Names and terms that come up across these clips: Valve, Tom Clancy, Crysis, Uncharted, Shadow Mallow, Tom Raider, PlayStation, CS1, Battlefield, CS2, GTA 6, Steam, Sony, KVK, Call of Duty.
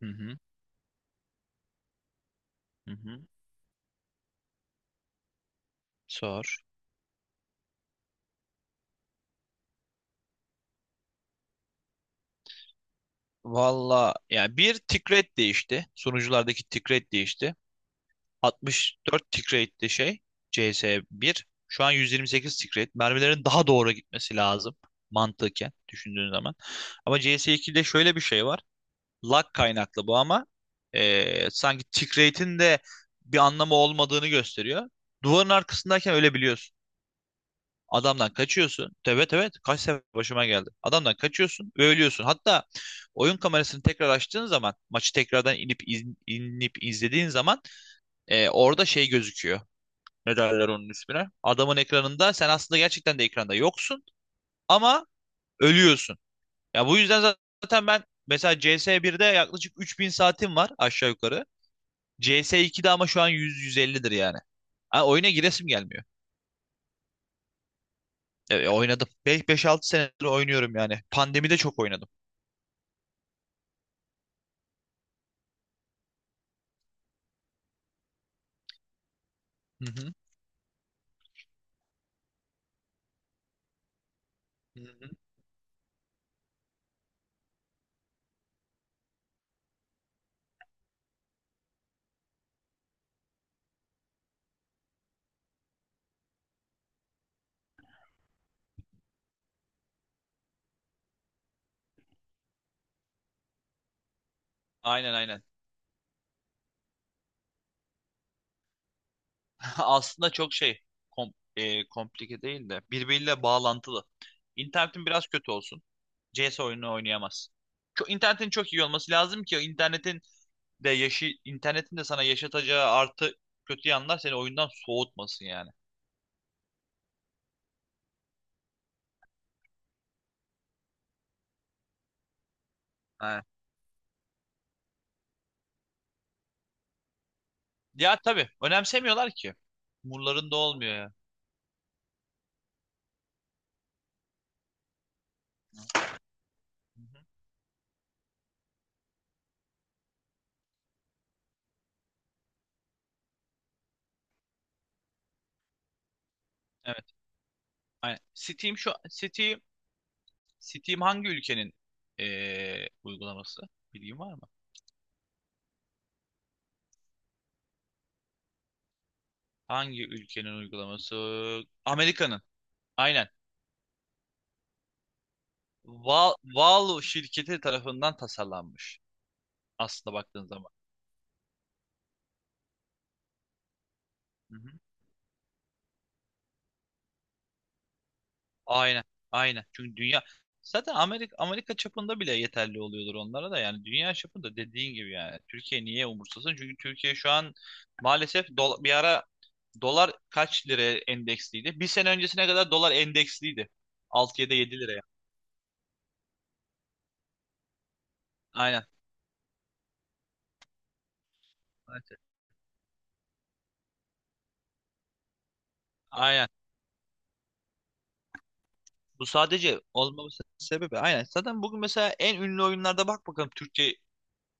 Hı hı, hı hı. Sor. Valla yani bir tick rate değişti. Sunuculardaki tick rate değişti. 64 tick rate'li şey cs bir. Şu an 128 tick rate. Mermilerin daha doğru gitmesi lazım. Mantıken düşündüğün zaman. Ama cs ikide şöyle bir şey var. Lag kaynaklı bu ama sanki tick rate'in de bir anlamı olmadığını gösteriyor. Duvarın arkasındayken ölebiliyorsun. Adamdan kaçıyorsun. Evet, evet, kaç sefer başıma geldi. Adamdan kaçıyorsun ve ölüyorsun. Hatta oyun kamerasını tekrar açtığın zaman, maçı tekrardan inip inip izlediğin zaman orada şey gözüküyor. Ne derler onun ismine? Adamın ekranında sen aslında gerçekten de ekranda yoksun ama ölüyorsun. Ya, bu yüzden zaten ben mesela CS1'de yaklaşık 3.000 saatim var aşağı yukarı. CS2'de ama şu an 100-150'dir yani. Ha, oyuna giresim gelmiyor. E, oynadım. 5-6 senedir oynuyorum yani. Pandemide çok oynadım. Hı hı. Hı hı. Aynen, aynen. Aslında çok şey, komplike değil de birbiriyle bağlantılı. İnternetin biraz kötü olsun. CS oyununu oynayamaz. İnternetin çok iyi olması lazım ki internetin de yaşı, internetin de sana yaşatacağı artı kötü yanlar seni oyundan soğutmasın yani. Ha. Ya tabii, önemsemiyorlar ki. Umurlarında olmuyor ya. Hı hı. Evet. Aynen. Steam, şu Steam Steam hangi ülkenin uygulaması? Bilgin var mı? Hangi ülkenin uygulaması? Amerika'nın. Aynen. Valve şirketi tarafından tasarlanmış. Aslında baktığın zaman. Hı hı. Aynen. Aynen. Çünkü dünya zaten Amerika çapında bile yeterli oluyordur onlara da, yani dünya çapında dediğin gibi. Yani Türkiye niye umursasın? Çünkü Türkiye şu an maalesef bir ara dolar kaç lira endeksliydi? Bir sene öncesine kadar dolar endeksliydi. 6 ya da 7 liraya. Aynen. Aynen. Bu sadece olmaması sebebi. Aynen. Zaten bugün mesela en ünlü oyunlarda bak bakalım, Türkçe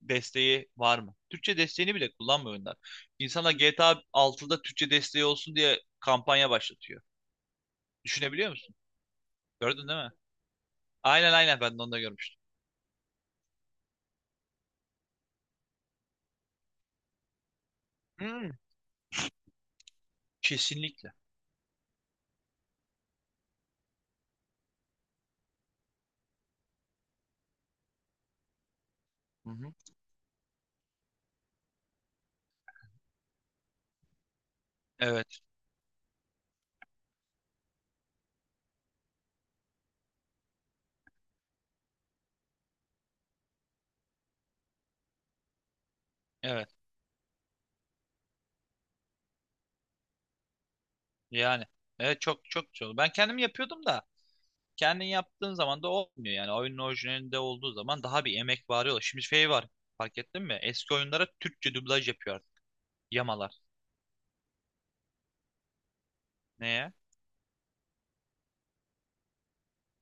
desteği var mı? Türkçe desteğini bile kullanmıyor oyunlar. İnsanlar GTA 6'da Türkçe desteği olsun diye kampanya başlatıyor. Düşünebiliyor musun? Gördün değil mi? Aynen, aynen, ben de onu da görmüştüm. Hmm, kesinlikle. Hı hı. Evet. Evet. Yani. Evet, çok çok güzel. Ben kendim yapıyordum da, kendin yaptığın zaman da olmuyor. Yani oyunun orijinalinde olduğu zaman daha bir emek var. Şimdi şey var. Fark ettin mi? Eski oyunlara Türkçe dublaj yapıyor artık. Yamalar. Neye?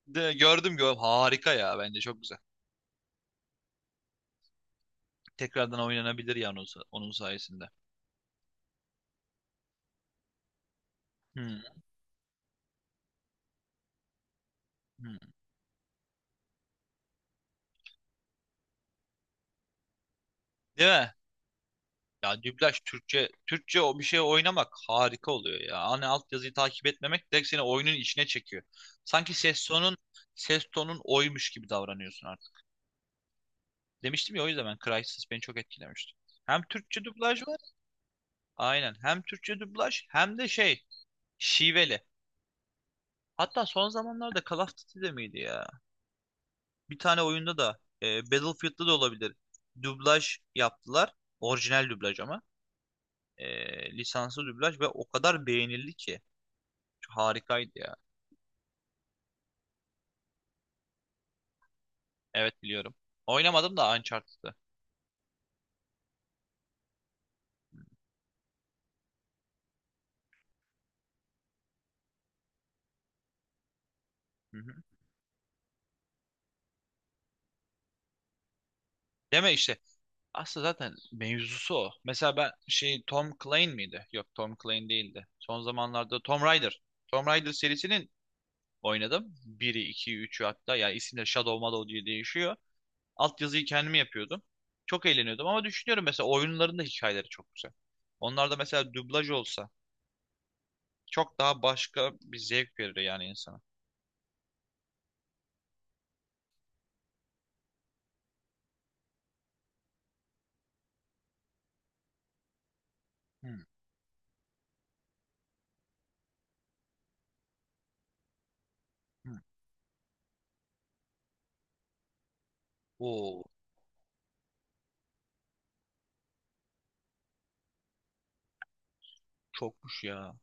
De gördüm, gördüm. Harika ya, bence çok güzel. Tekrardan oynanabilir yani onun sayesinde. Hmm. Hmm. Değil mi? Ya dublaj, Türkçe Türkçe o bir şey oynamak harika oluyor ya. Hani altyazıyı takip etmemek direkt seni oyunun içine çekiyor. Sanki ses tonun oymuş gibi davranıyorsun artık. Demiştim ya, o yüzden ben Crysis beni çok etkilemişti. Hem Türkçe dublaj var. Aynen. Hem Türkçe dublaj hem de şey, şiveli. Hatta son zamanlarda Call of Duty'de miydi ya? Bir tane oyunda da, Battlefield'da da olabilir. Dublaj yaptılar. Orijinal dublaj ama. E, lisanslı dublaj ve o kadar beğenildi ki. Harikaydı ya. Evet, biliyorum. Oynamadım da Uncharted'ı. Hı hı. Deme işte. Aslında zaten mevzusu o. Mesela ben şey, Tom Clancy miydi? Yok, Tom Clancy değildi. Son zamanlarda Tom Raider. Tom Raider serisinin oynadım, biri, 2'yi, üçü hatta. Yani isimleri Shadow Mallow diye değişiyor. Altyazıyı kendimi yapıyordum. Çok eğleniyordum ama düşünüyorum, mesela oyunların da hikayeleri çok güzel. Onlar da mesela dublaj olsa çok daha başka bir zevk verir yani insana. Hmm. Hmm. Oo, çokmuş ya.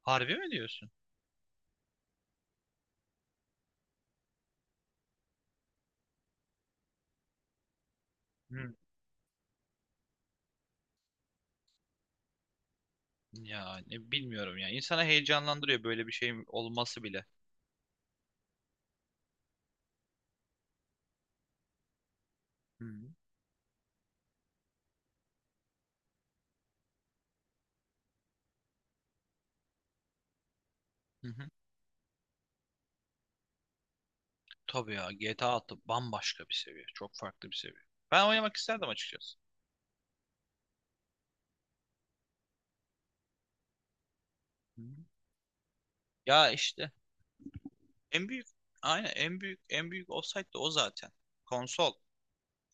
Harbi mi diyorsun? Hmm. Ya, ne bilmiyorum ya. İnsana heyecanlandırıyor böyle bir şeyin olması bile. Hı hı. Hı hı. Tabii ya, GTA 6 bambaşka bir seviye. Çok farklı bir seviye. Ben oynamak isterdim açıkçası. Hı. Ya işte en büyük, aynen, en büyük en büyük olsaydı o zaten. Konsol.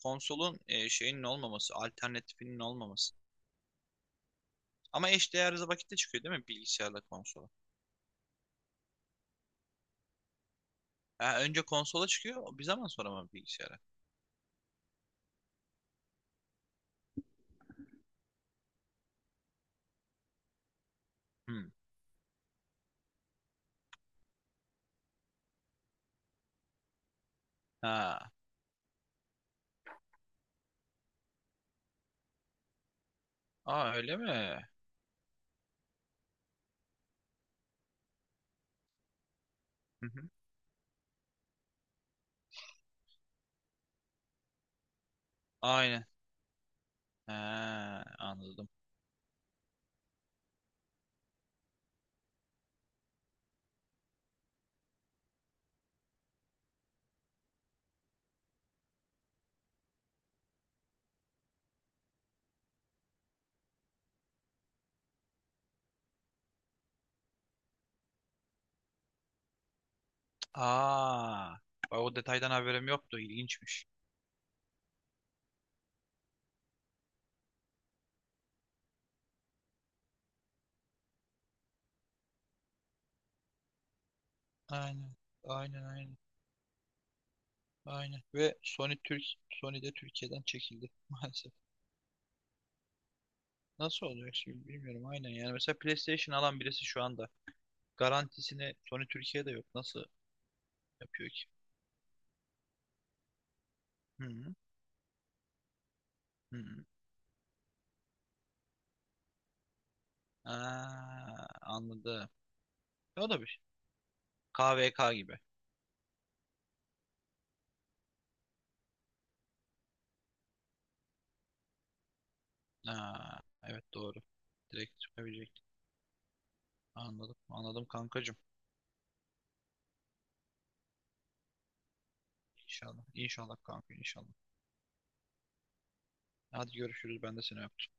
Konsolun şeyinin olmaması, alternatifinin olmaması. Ama eşdeğer vakitte çıkıyor değil mi bilgisayarla konsola? Ha, önce konsola çıkıyor, bir zaman sonra mı bilgisayara? Hmm. Ha. Aa, öyle mi? Hı hı. Aynen. Ha, anladım. Aa. Bak, o detaydan haberim yoktu. İlginçmiş. Aynen. Aynen, aynen. Aynen. Ve Sony de Türkiye'den çekildi maalesef. Nasıl olacak şimdi bilmiyorum, aynen. Yani mesela PlayStation alan birisi şu anda garantisini Sony Türkiye'de yok. Nasıl yapıyor ki? Hı hı. Hı hı. Aa, anladım. E, o da bir KVK gibi. Aa, evet, doğru. Direkt çıkabilecek. Anladım. Anladım, kankacığım. İnşallah. İnşallah kanka, inşallah. Hadi görüşürüz. Ben de seni öptüm.